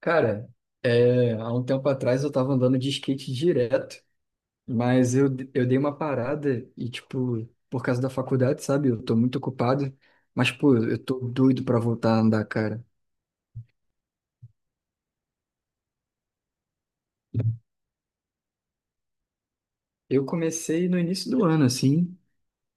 Cara, há um tempo atrás eu tava andando de skate direto, mas eu dei uma parada e, tipo, por causa da faculdade, sabe? Eu tô muito ocupado, mas, pô, eu tô doido pra voltar a andar, cara. Eu comecei no início do ano, assim,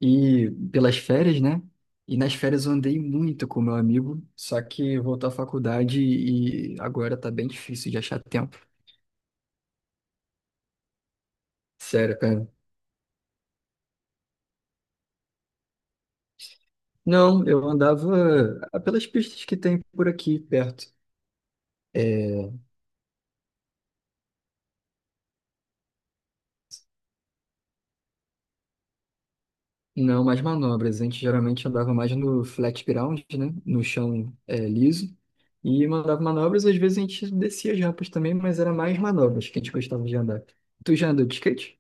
e pelas férias, né? E nas férias eu andei muito com meu amigo, só que voltou à faculdade e agora tá bem difícil de achar tempo. Sério, cara. Não, eu andava pelas pistas que tem por aqui perto. É, não, mais manobras. A gente geralmente andava mais no flat ground, né? No chão liso. E mandava manobras. Às vezes a gente descia as rampas também, mas era mais manobras que a gente gostava de andar. Tu já andou de skate?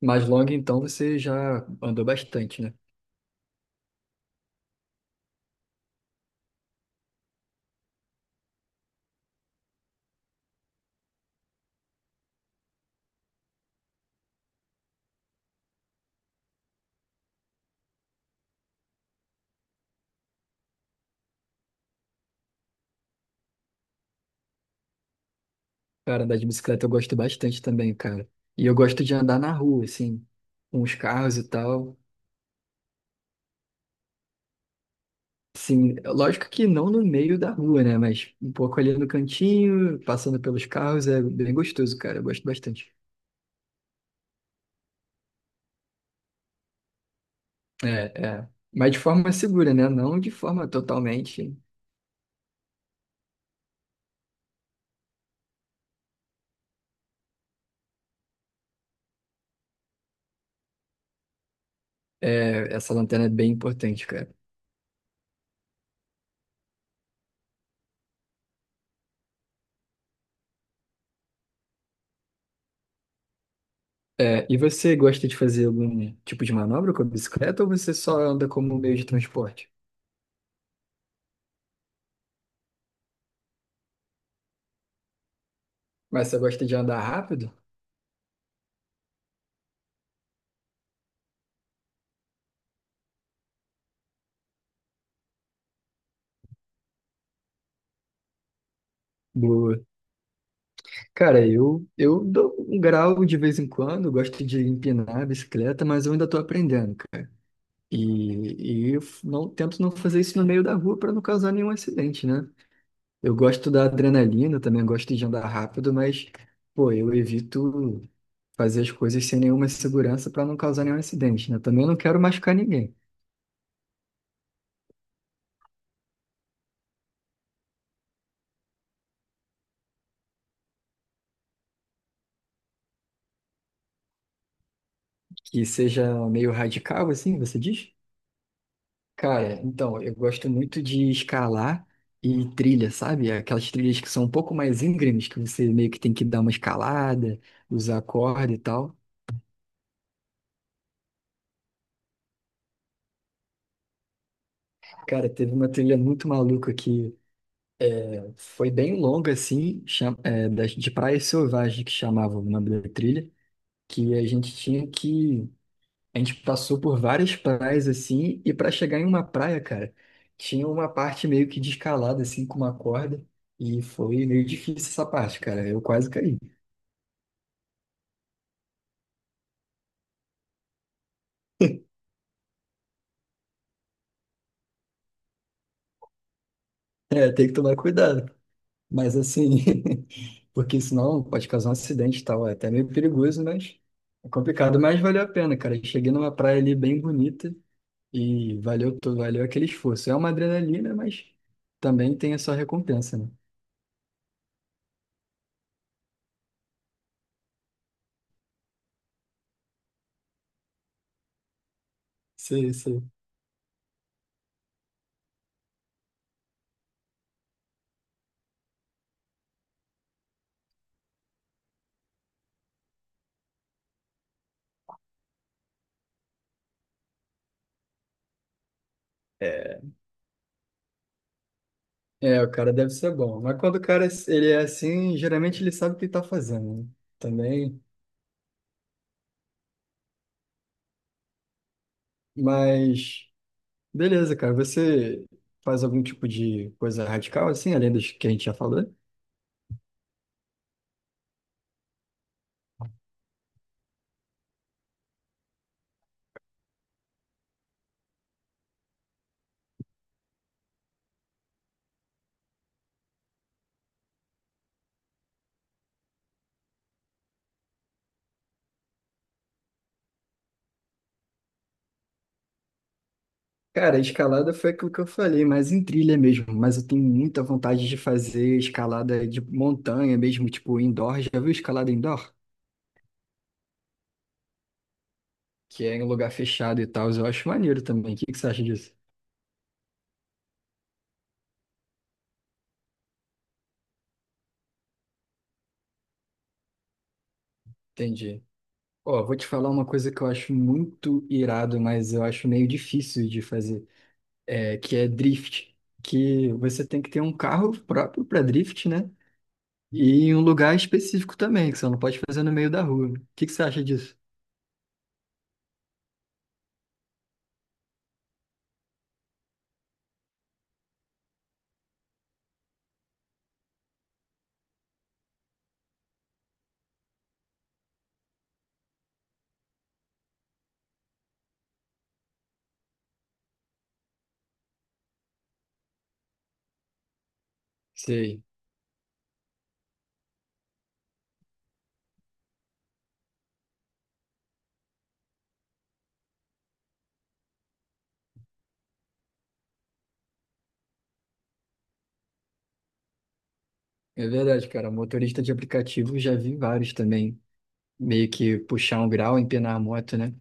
Mais longa, então você já andou bastante, né? Cara, andar de bicicleta eu gosto bastante também, cara. E eu gosto de andar na rua, assim, com os carros e tal. Sim, lógico que não no meio da rua, né? Mas um pouco ali no cantinho, passando pelos carros, é bem gostoso, cara. Eu gosto bastante. É, é. Mas de forma segura, né? Não de forma totalmente. É, essa lanterna é bem importante, cara. É, e você gosta de fazer algum tipo de manobra com a bicicleta ou você só anda como meio de transporte? Mas você gosta de andar rápido? Boa. Cara, eu dou um grau de vez em quando, gosto de empinar a bicicleta, mas eu ainda tô aprendendo, cara. E eu não, tento não fazer isso no meio da rua para não causar nenhum acidente, né? Eu gosto da adrenalina, também gosto de andar rápido, mas, pô, eu evito fazer as coisas sem nenhuma segurança para não causar nenhum acidente, né? Também não quero machucar ninguém. Que seja meio radical, assim, você diz? Cara, então, eu gosto muito de escalar e trilha, sabe? Aquelas trilhas que são um pouco mais íngremes, que você meio que tem que dar uma escalada, usar corda e tal. Cara, teve uma trilha muito maluca que foi bem longa, assim, de Praia Selvagem, que chamava o nome da trilha. Que a gente tinha que. A gente passou por várias praias assim, e para chegar em uma praia, cara, tinha uma parte meio que descalada, assim, com uma corda, e foi meio difícil essa parte, cara. Eu quase caí. É, tem que tomar cuidado. Mas assim, porque senão pode causar um acidente e tal. É até meio perigoso, mas é complicado. Mas valeu a pena, cara. Cheguei numa praia ali bem bonita e valeu, valeu aquele esforço. É uma adrenalina, mas também tem a sua recompensa, né? Sei, sei. É, o cara deve ser bom. Mas quando o cara ele é assim, geralmente ele sabe o que está fazendo, né? Também. Mas beleza, cara. Você faz algum tipo de coisa radical assim, além dos que a gente já falou? Cara, a escalada foi aquilo que eu falei, mas em trilha mesmo. Mas eu tenho muita vontade de fazer escalada de montanha mesmo, tipo indoor. Já viu escalada indoor? Que é em lugar fechado e tal. Eu acho maneiro também. O que que você acha disso? Entendi. Ó, vou te falar uma coisa que eu acho muito irado, mas eu acho meio difícil de fazer, é, que é drift, que você tem que ter um carro próprio para drift, né? E em um lugar específico também, que você não pode fazer no meio da rua. O que que você acha disso? Sei, é verdade, cara. Motorista de aplicativo já vi vários também, meio que puxar um grau, empinar a moto, né?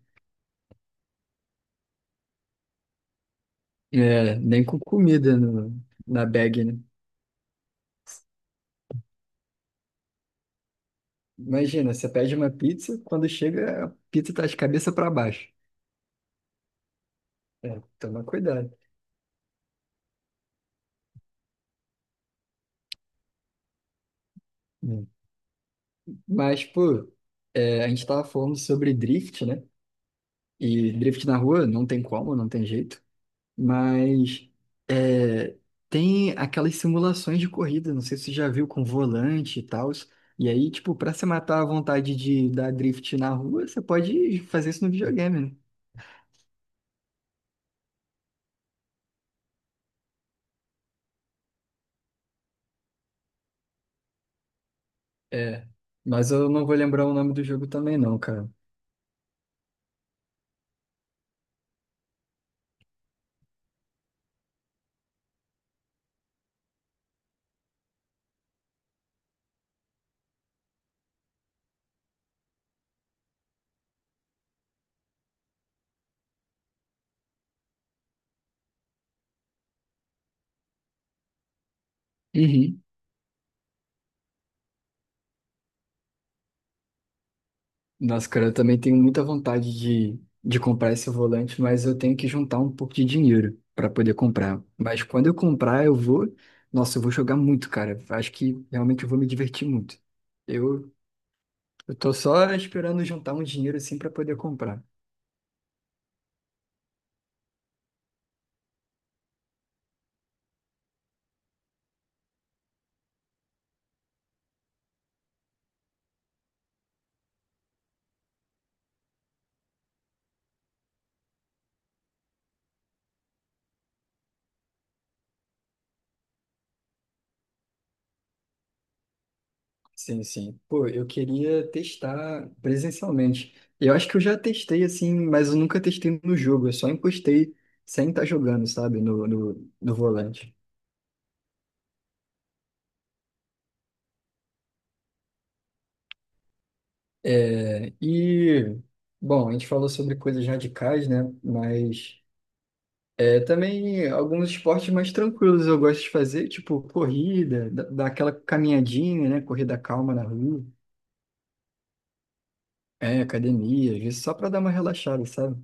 É, nem com comida no, na bag, né? Imagina, você pede uma pizza, quando chega, a pizza tá de cabeça para baixo. É, toma cuidado. Hum. Mas, pô, é, a gente tava falando sobre drift, né? E drift na rua não tem como, não tem jeito. Mas é, tem aquelas simulações de corrida, não sei se você já viu com volante e tal. E aí, tipo, pra você matar a vontade de dar drift na rua, você pode fazer isso no videogame, né? É, mas eu não vou lembrar o nome do jogo também, não, cara. Uhum. Nossa, cara, eu também tenho muita vontade de comprar esse volante, mas eu tenho que juntar um pouco de dinheiro para poder comprar. Mas quando eu comprar, eu vou. Nossa, eu vou jogar muito, cara. Acho que realmente eu vou me divertir muito. Eu, eu tô só esperando juntar um dinheiro assim para poder comprar. Sim, sim. Pô, eu queria testar presencialmente. Eu acho que eu já testei assim, mas eu nunca testei no jogo. Eu só encostei sem estar jogando, sabe? No volante. É, e, bom, a gente falou sobre coisas radicais, né? Mas é, também alguns esportes mais tranquilos eu gosto de fazer, tipo corrida, dar aquela caminhadinha, né? Corrida calma na rua, é, academia, às vezes só para dar uma relaxada, sabe?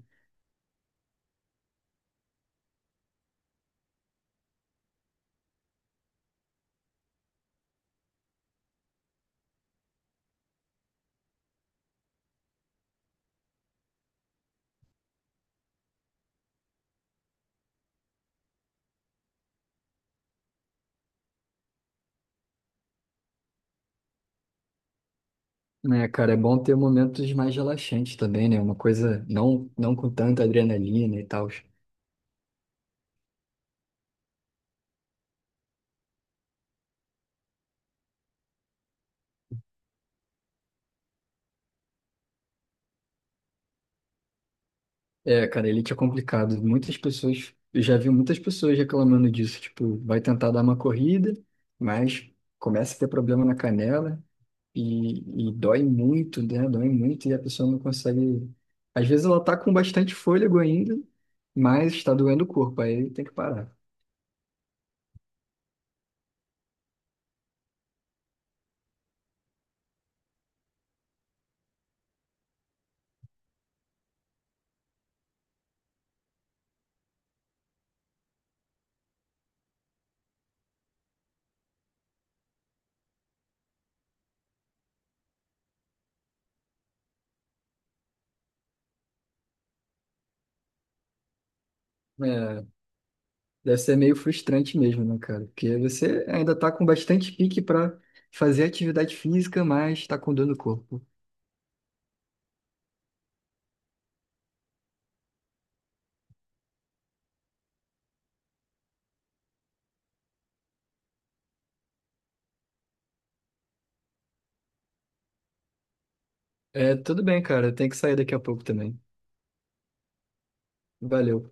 Né, cara, é bom ter momentos mais relaxantes também, né? Uma coisa não, não com tanta adrenalina e tal. É, cara, elite é complicado. Muitas pessoas, eu já vi muitas pessoas reclamando disso. Tipo, vai tentar dar uma corrida, mas começa a ter problema na canela e dói muito, né? Dói muito e a pessoa não consegue. Às vezes ela tá com bastante fôlego ainda, mas está doendo o corpo, aí tem que parar. É, deve ser meio frustrante mesmo, né, cara? Porque você ainda tá com bastante pique para fazer atividade física, mas tá com dor no corpo. É, tudo bem, cara. Eu tenho que sair daqui a pouco também. Valeu.